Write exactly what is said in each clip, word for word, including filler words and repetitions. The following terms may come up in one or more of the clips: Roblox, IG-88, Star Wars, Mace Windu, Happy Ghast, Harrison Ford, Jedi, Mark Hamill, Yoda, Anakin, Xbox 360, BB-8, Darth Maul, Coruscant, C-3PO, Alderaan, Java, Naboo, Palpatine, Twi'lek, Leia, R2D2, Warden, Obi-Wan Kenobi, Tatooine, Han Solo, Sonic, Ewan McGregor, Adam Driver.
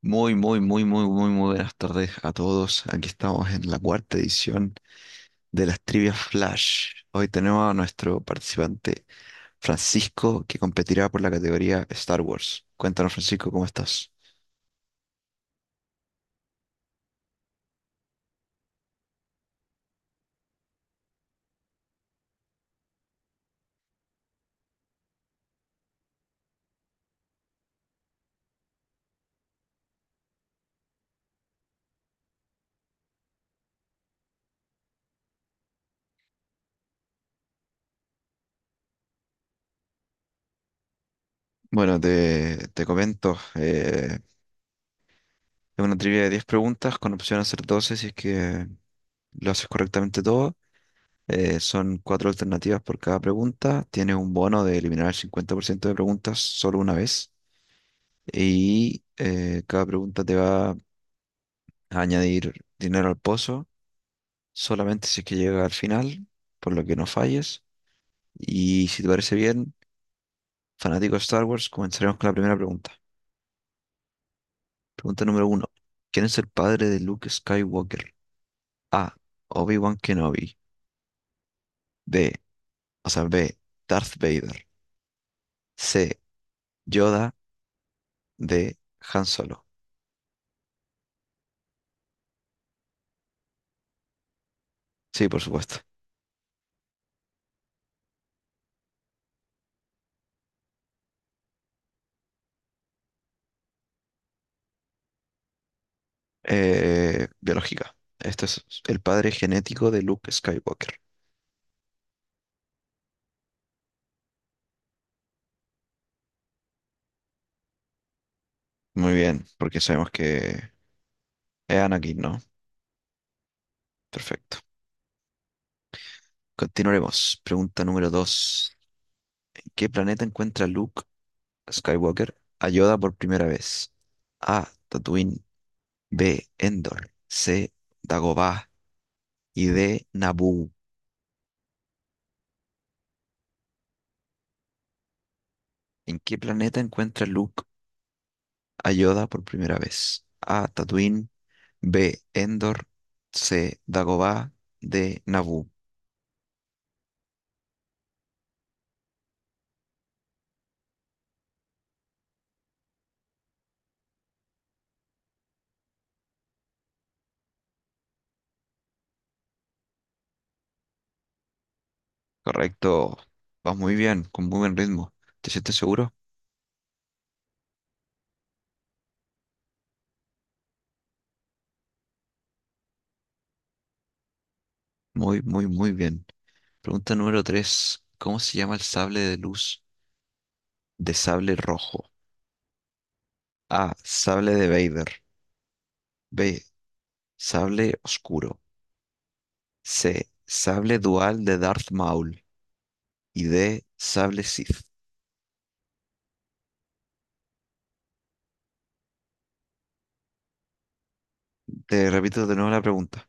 Muy, muy, muy, muy, muy, muy buenas tardes a todos. Aquí estamos en la cuarta edición de las Trivias Flash. Hoy tenemos a nuestro participante Francisco, que competirá por la categoría Star Wars. Cuéntanos, Francisco, ¿cómo estás? Bueno, te, te comento. Eh, es una trivia de diez preguntas con opción a hacer doce si es que lo haces correctamente todo. Eh, son cuatro alternativas por cada pregunta. Tienes un bono de eliminar el cincuenta por ciento de preguntas solo una vez. Y eh, cada pregunta te va añadir dinero al pozo, solamente si es que llega al final, por lo que no falles. Y si te parece bien, fanático de Star Wars, comenzaremos con la primera pregunta. Pregunta número uno. ¿Quién es el padre de Luke Skywalker? A. Obi-Wan Kenobi. B. O sea, B. Darth Vader. C. Yoda. D. Han Solo. Sí, por supuesto. Eh, biológica. Esto es el padre genético de Luke Skywalker. Muy bien, porque sabemos que es Anakin, ¿no? Perfecto. Continuaremos. Pregunta número dos. ¿En qué planeta encuentra Luke Skywalker a Yoda por primera vez? A. Tatooine. B. Endor. C. Dagobah. Y D. Naboo. ¿En qué planeta encuentra Luke a Yoda por primera vez? A. Tatooine. B. Endor. C. Dagobah. D. Naboo. Correcto. Vas muy bien, con muy buen ritmo. ¿Te sientes seguro? Muy, muy, muy bien. Pregunta número tres. ¿Cómo se llama el sable de luz? De sable rojo. A. Sable de Vader. B. Sable oscuro. C. Sable dual de Darth Maul. Y D. Sable Sith. Te repito de nuevo la pregunta.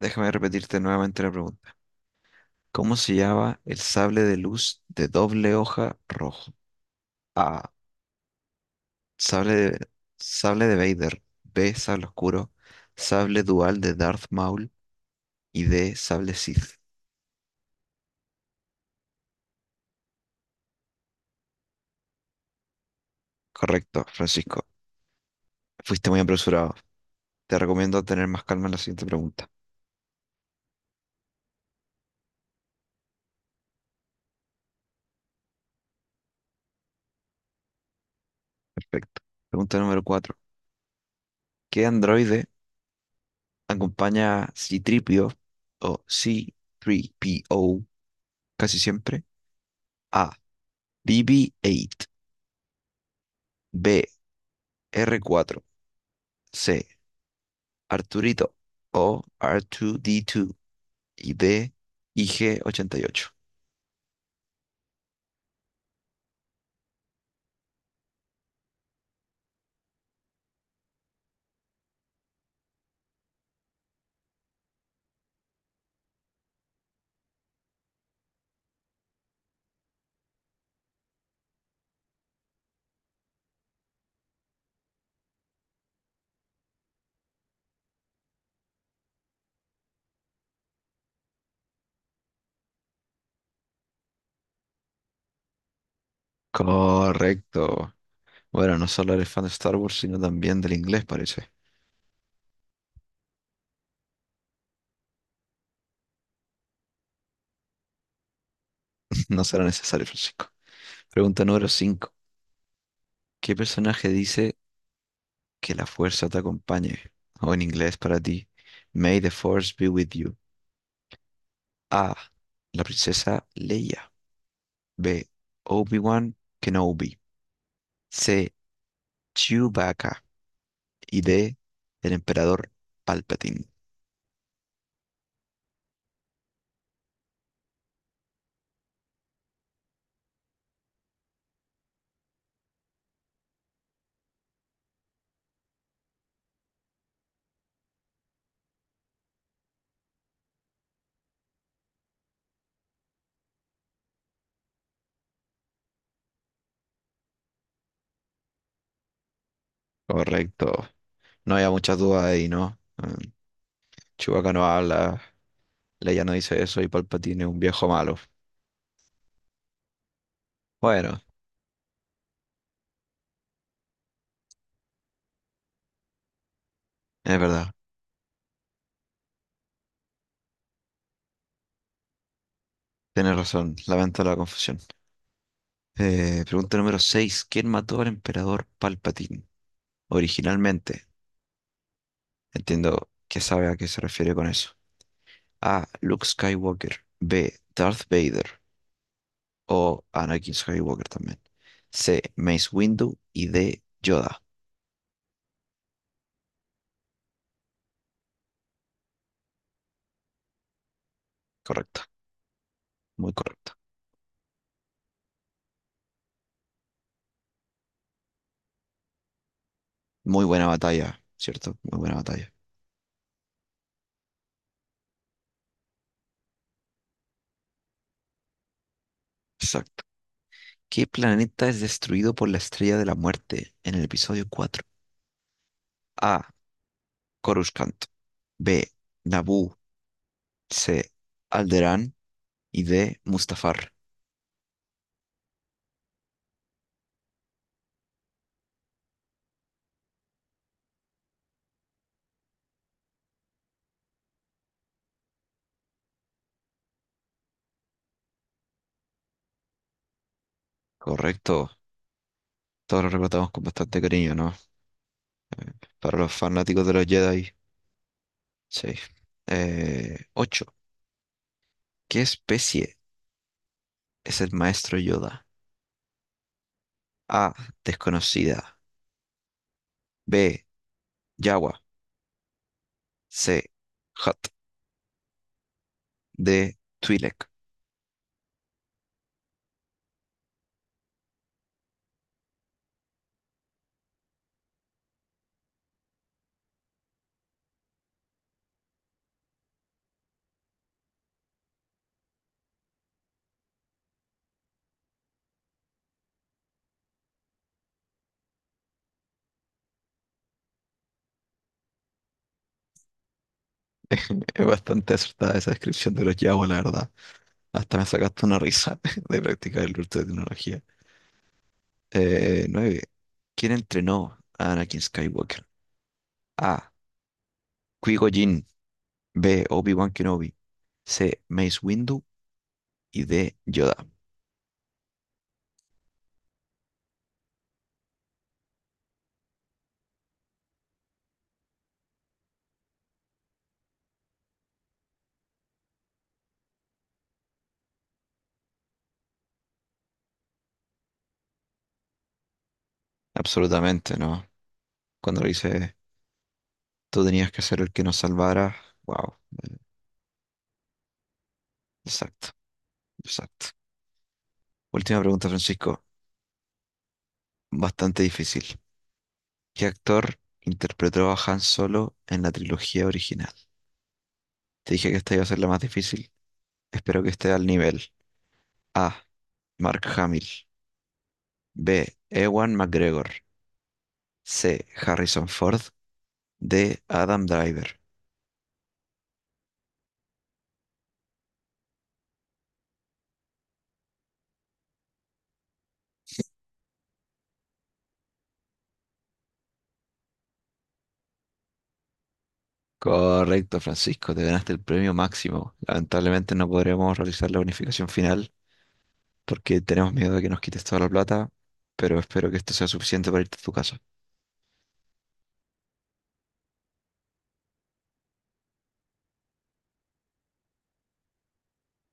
Déjame repetirte nuevamente la pregunta. ¿Cómo se llama el sable de luz de doble hoja rojo? A. Sable de, sable de Vader. B. Sable oscuro. Sable dual de Darth Maul. Y D. Sable Sith. Correcto, Francisco. Fuiste muy apresurado. Te recomiendo tener más calma en la siguiente pregunta. Perfecto. Pregunta número cuatro. ¿Qué androide acompaña a C-3PO o C tres P O casi siempre? A. B B ocho, B. R cuatro, C. Arturito o R dos D dos y D. I G ochenta y ocho. Correcto. Bueno, no solo eres fan de Star Wars, sino también del inglés, parece. No será necesario, Francisco. Pregunta número cinco. ¿Qué personaje dice Que la fuerza te acompañe. O en inglés para ti. May the force be with you. A. La princesa Leia. B. Obi-Wan Kenobi. C. Chewbacca. Y D. El emperador Palpatine. Correcto. No había muchas dudas ahí, ¿no? Mm, Chewbacca no habla. Leia no dice eso y Palpatine es un viejo malo. Bueno, es verdad. Tienes razón. Lamento la confusión. Eh, pregunta número seis. ¿Quién mató al emperador Palpatine? Originalmente. Entiendo que sabe a qué se refiere con eso. A. Luke Skywalker. B. Darth Vader. O Anakin Skywalker también. C. Mace Windu. Y D. Yoda. Correcto. Muy correcto. Muy buena batalla, ¿cierto? Muy buena batalla. Exacto. ¿Qué planeta es destruido por la Estrella de la Muerte en el episodio cuatro? A. Coruscant. B. Naboo. C. Alderaan. Y D. Mustafar. Correcto. Todos lo recordamos con bastante cariño, ¿no? Para los fanáticos de los Jedi. Seis. Eh, ocho. ¿Qué especie es el maestro Yoda? A. Desconocida. B. Yawa. C. Hutt. D. Twi'lek. Es bastante acertada esa descripción de los Yawa, la verdad. Hasta me sacaste una risa de practicar el uso de tecnología. Eh, nueve. ¿Quién entrenó a Anakin Skywalker? A. Qui-Gon Jinn. B. Obi-Wan Kenobi. C. Mace Windu. Y D. Yoda. Absolutamente, ¿no? Cuando lo hice. Tú tenías que ser el que nos salvara. Wow, exacto, exacto. Última pregunta, Francisco. Bastante difícil. ¿Qué actor interpretó a Han Solo en la trilogía original? Te dije que esta iba a ser la más difícil. Espero que esté al nivel. A. Mark Hamill. B. Ewan McGregor. C. Harrison Ford. D. Adam Driver. Correcto, Francisco. Te ganaste el premio máximo. Lamentablemente no podremos realizar la unificación final porque tenemos miedo de que nos quites toda la plata, pero espero que esto sea suficiente para irte a tu casa.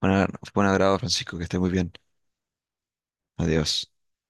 Bueno, fue un agrado, Francisco, que estés muy bien. Adiós.